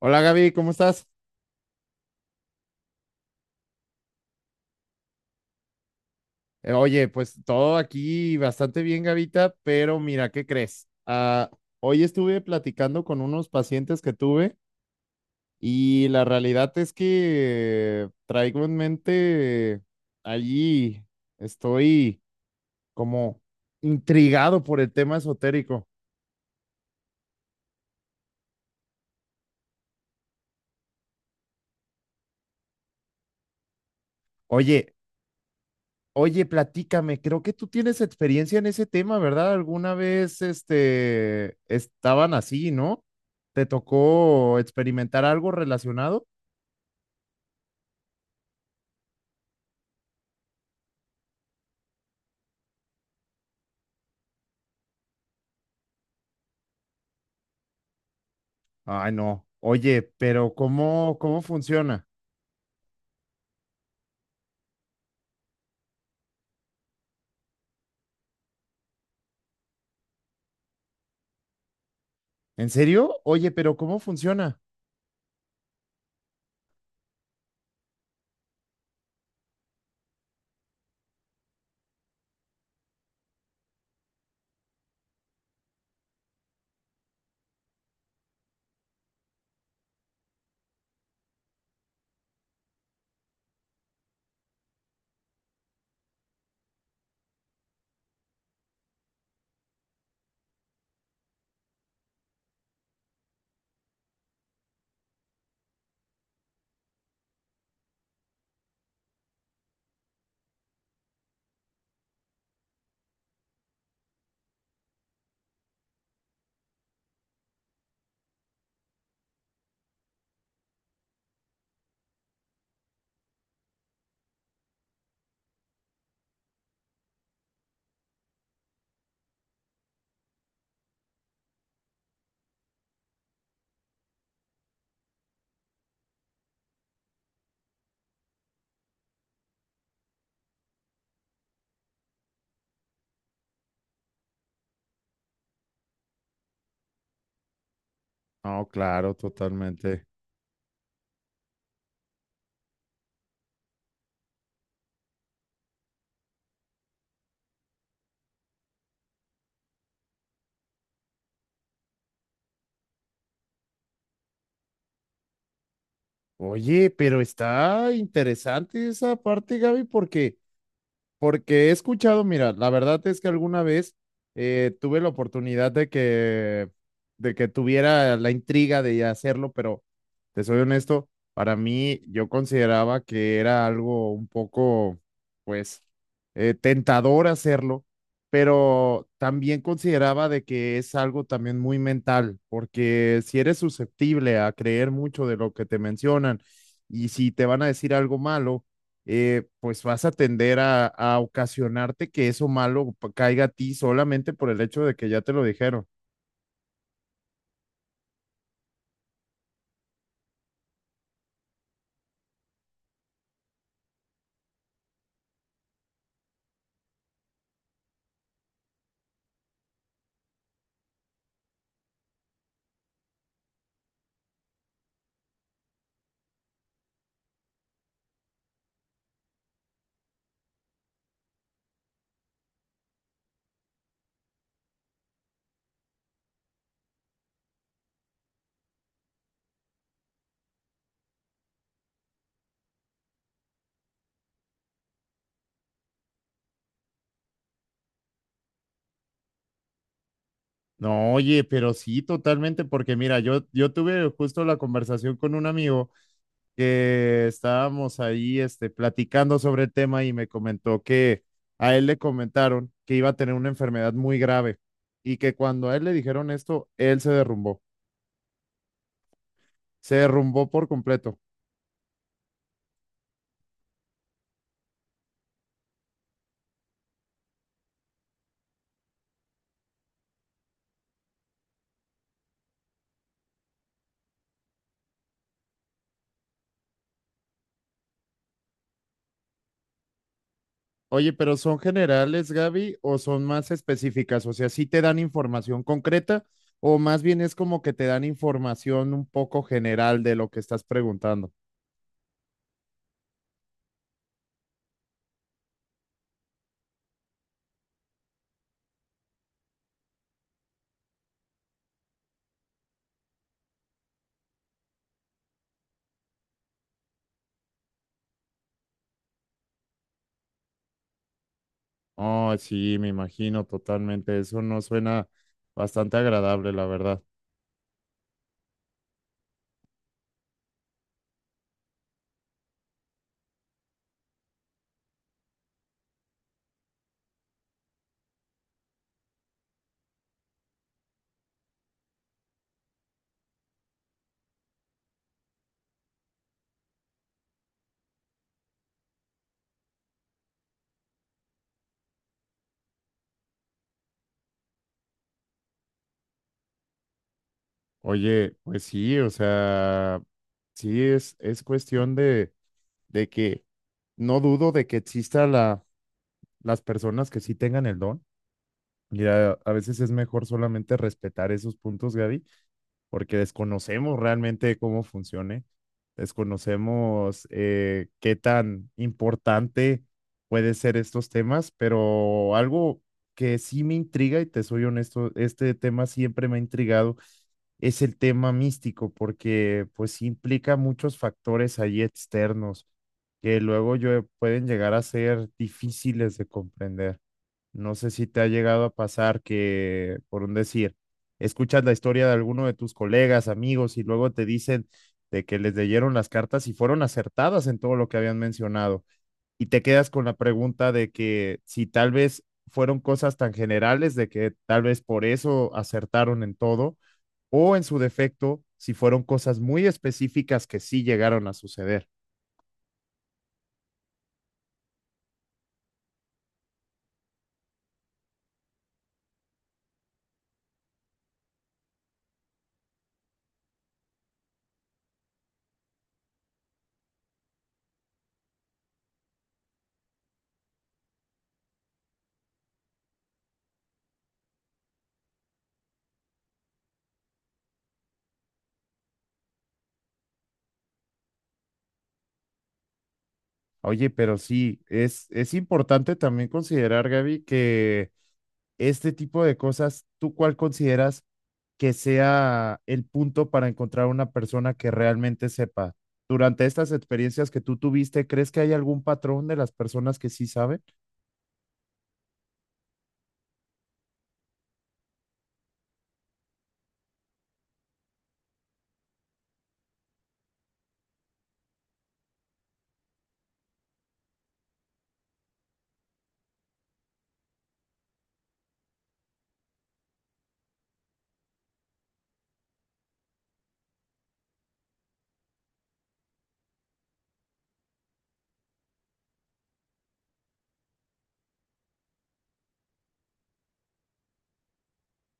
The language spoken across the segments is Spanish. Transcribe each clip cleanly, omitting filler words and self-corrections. Hola Gaby, ¿cómo estás? Oye, pues todo aquí bastante bien, Gavita, pero mira, ¿qué crees? Hoy estuve platicando con unos pacientes que tuve y la realidad es que traigo en mente allí, estoy como intrigado por el tema esotérico. Oye, Oye, platícame, creo que tú tienes experiencia en ese tema, ¿verdad? Alguna vez, estaban así, ¿no? ¿Te tocó experimentar algo relacionado? Ay, no. Oye, pero ¿cómo funciona? ¿En serio? Oye, pero ¿cómo funciona? No, claro, totalmente. Oye, pero está interesante esa parte, Gaby, porque he escuchado, mira, la verdad es que alguna vez tuve la oportunidad de que tuviera la intriga de hacerlo, pero te soy honesto, para mí yo consideraba que era algo un poco, pues, tentador hacerlo, pero también consideraba de que es algo también muy mental, porque si eres susceptible a creer mucho de lo que te mencionan y si te van a decir algo malo, pues vas a tender a ocasionarte que eso malo caiga a ti solamente por el hecho de que ya te lo dijeron. No, oye, pero sí, totalmente, porque mira, yo tuve justo la conversación con un amigo que estábamos ahí platicando sobre el tema y me comentó que a él le comentaron que iba a tener una enfermedad muy grave y que cuando a él le dijeron esto, él se derrumbó por completo. Oye, pero ¿son generales, Gaby, o son más específicas? O sea, ¿sí te dan información concreta o más bien es como que te dan información un poco general de lo que estás preguntando? Oh, sí, me imagino totalmente. Eso no suena bastante agradable, la verdad. Oye, pues sí, o sea, sí es cuestión de que no dudo de que exista las personas que sí tengan el don. Y a veces es mejor solamente respetar esos puntos, Gaby, porque desconocemos realmente cómo funcione, desconocemos qué tan importante puede ser estos temas, pero algo que sí me intriga, y te soy honesto, este tema siempre me ha intrigado, es el tema místico, porque pues implica muchos factores ahí externos que luego pueden llegar a ser difíciles de comprender. No sé si te ha llegado a pasar que, por un decir, escuchas la historia de alguno de tus colegas, amigos, y luego te dicen de que les leyeron las cartas y fueron acertadas en todo lo que habían mencionado. Y te quedas con la pregunta de que si tal vez fueron cosas tan generales, de que tal vez por eso acertaron en todo, o en su defecto, si fueron cosas muy específicas que sí llegaron a suceder. Oye, pero sí, es importante también considerar, Gaby, que este tipo de cosas, ¿tú cuál consideras que sea el punto para encontrar una persona que realmente sepa? Durante estas experiencias que tú tuviste, ¿crees que hay algún patrón de las personas que sí saben?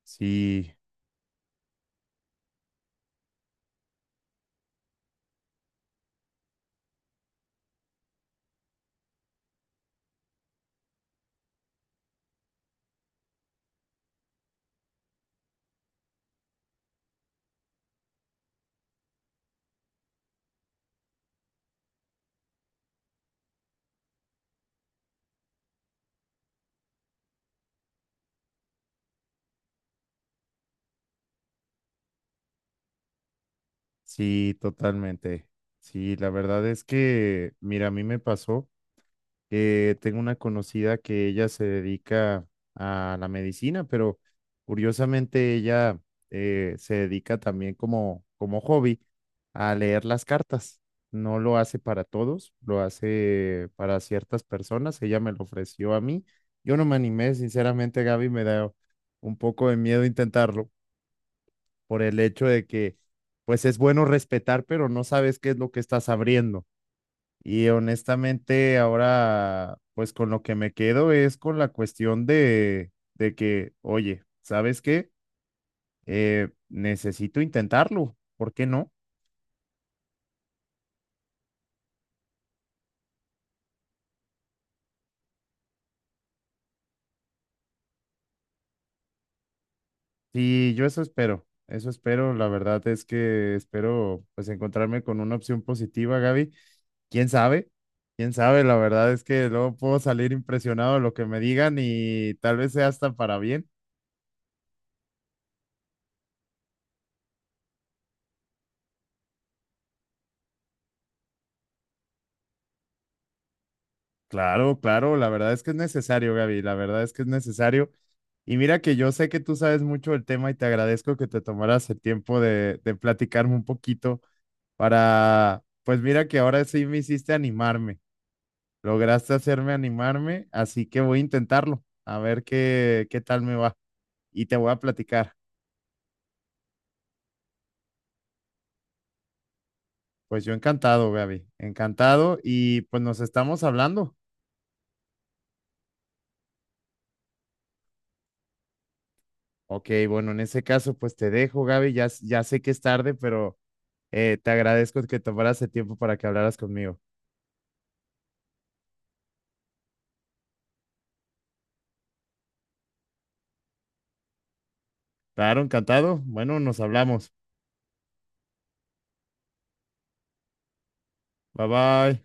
Sí, sí, totalmente. Sí, la verdad es que, mira, a mí me pasó que tengo una conocida que ella se dedica a la medicina, pero curiosamente ella se dedica también como hobby a leer las cartas. No lo hace para todos, lo hace para ciertas personas. Ella me lo ofreció a mí. Yo no me animé, sinceramente, Gaby, me da un poco de miedo intentarlo por el hecho de que, pues es bueno respetar, pero no sabes qué es lo que estás abriendo. Y honestamente, ahora, pues con lo que me quedo es con la cuestión de que, oye, ¿sabes qué? Necesito intentarlo, ¿por qué no? Sí, yo eso espero, la verdad es que espero pues encontrarme con una opción positiva, Gaby. ¿Quién sabe? ¿Quién sabe? La verdad es que luego puedo salir impresionado de lo que me digan y tal vez sea hasta para bien. Claro, claro, la verdad es que es necesario, Gaby, la verdad es que es necesario. Y mira que yo sé que tú sabes mucho del tema y te agradezco que te tomaras el tiempo de platicarme un poquito para, pues mira que ahora sí me hiciste animarme, lograste hacerme animarme, así que voy a intentarlo, a ver qué, qué tal me va y te voy a platicar. Pues yo encantado, Gaby, encantado y pues nos estamos hablando. Ok, bueno, en ese caso pues te dejo, Gaby, ya, ya sé que es tarde, pero te agradezco que tomaras el tiempo para que hablaras conmigo. Claro, encantado. Bueno, nos hablamos. Bye bye.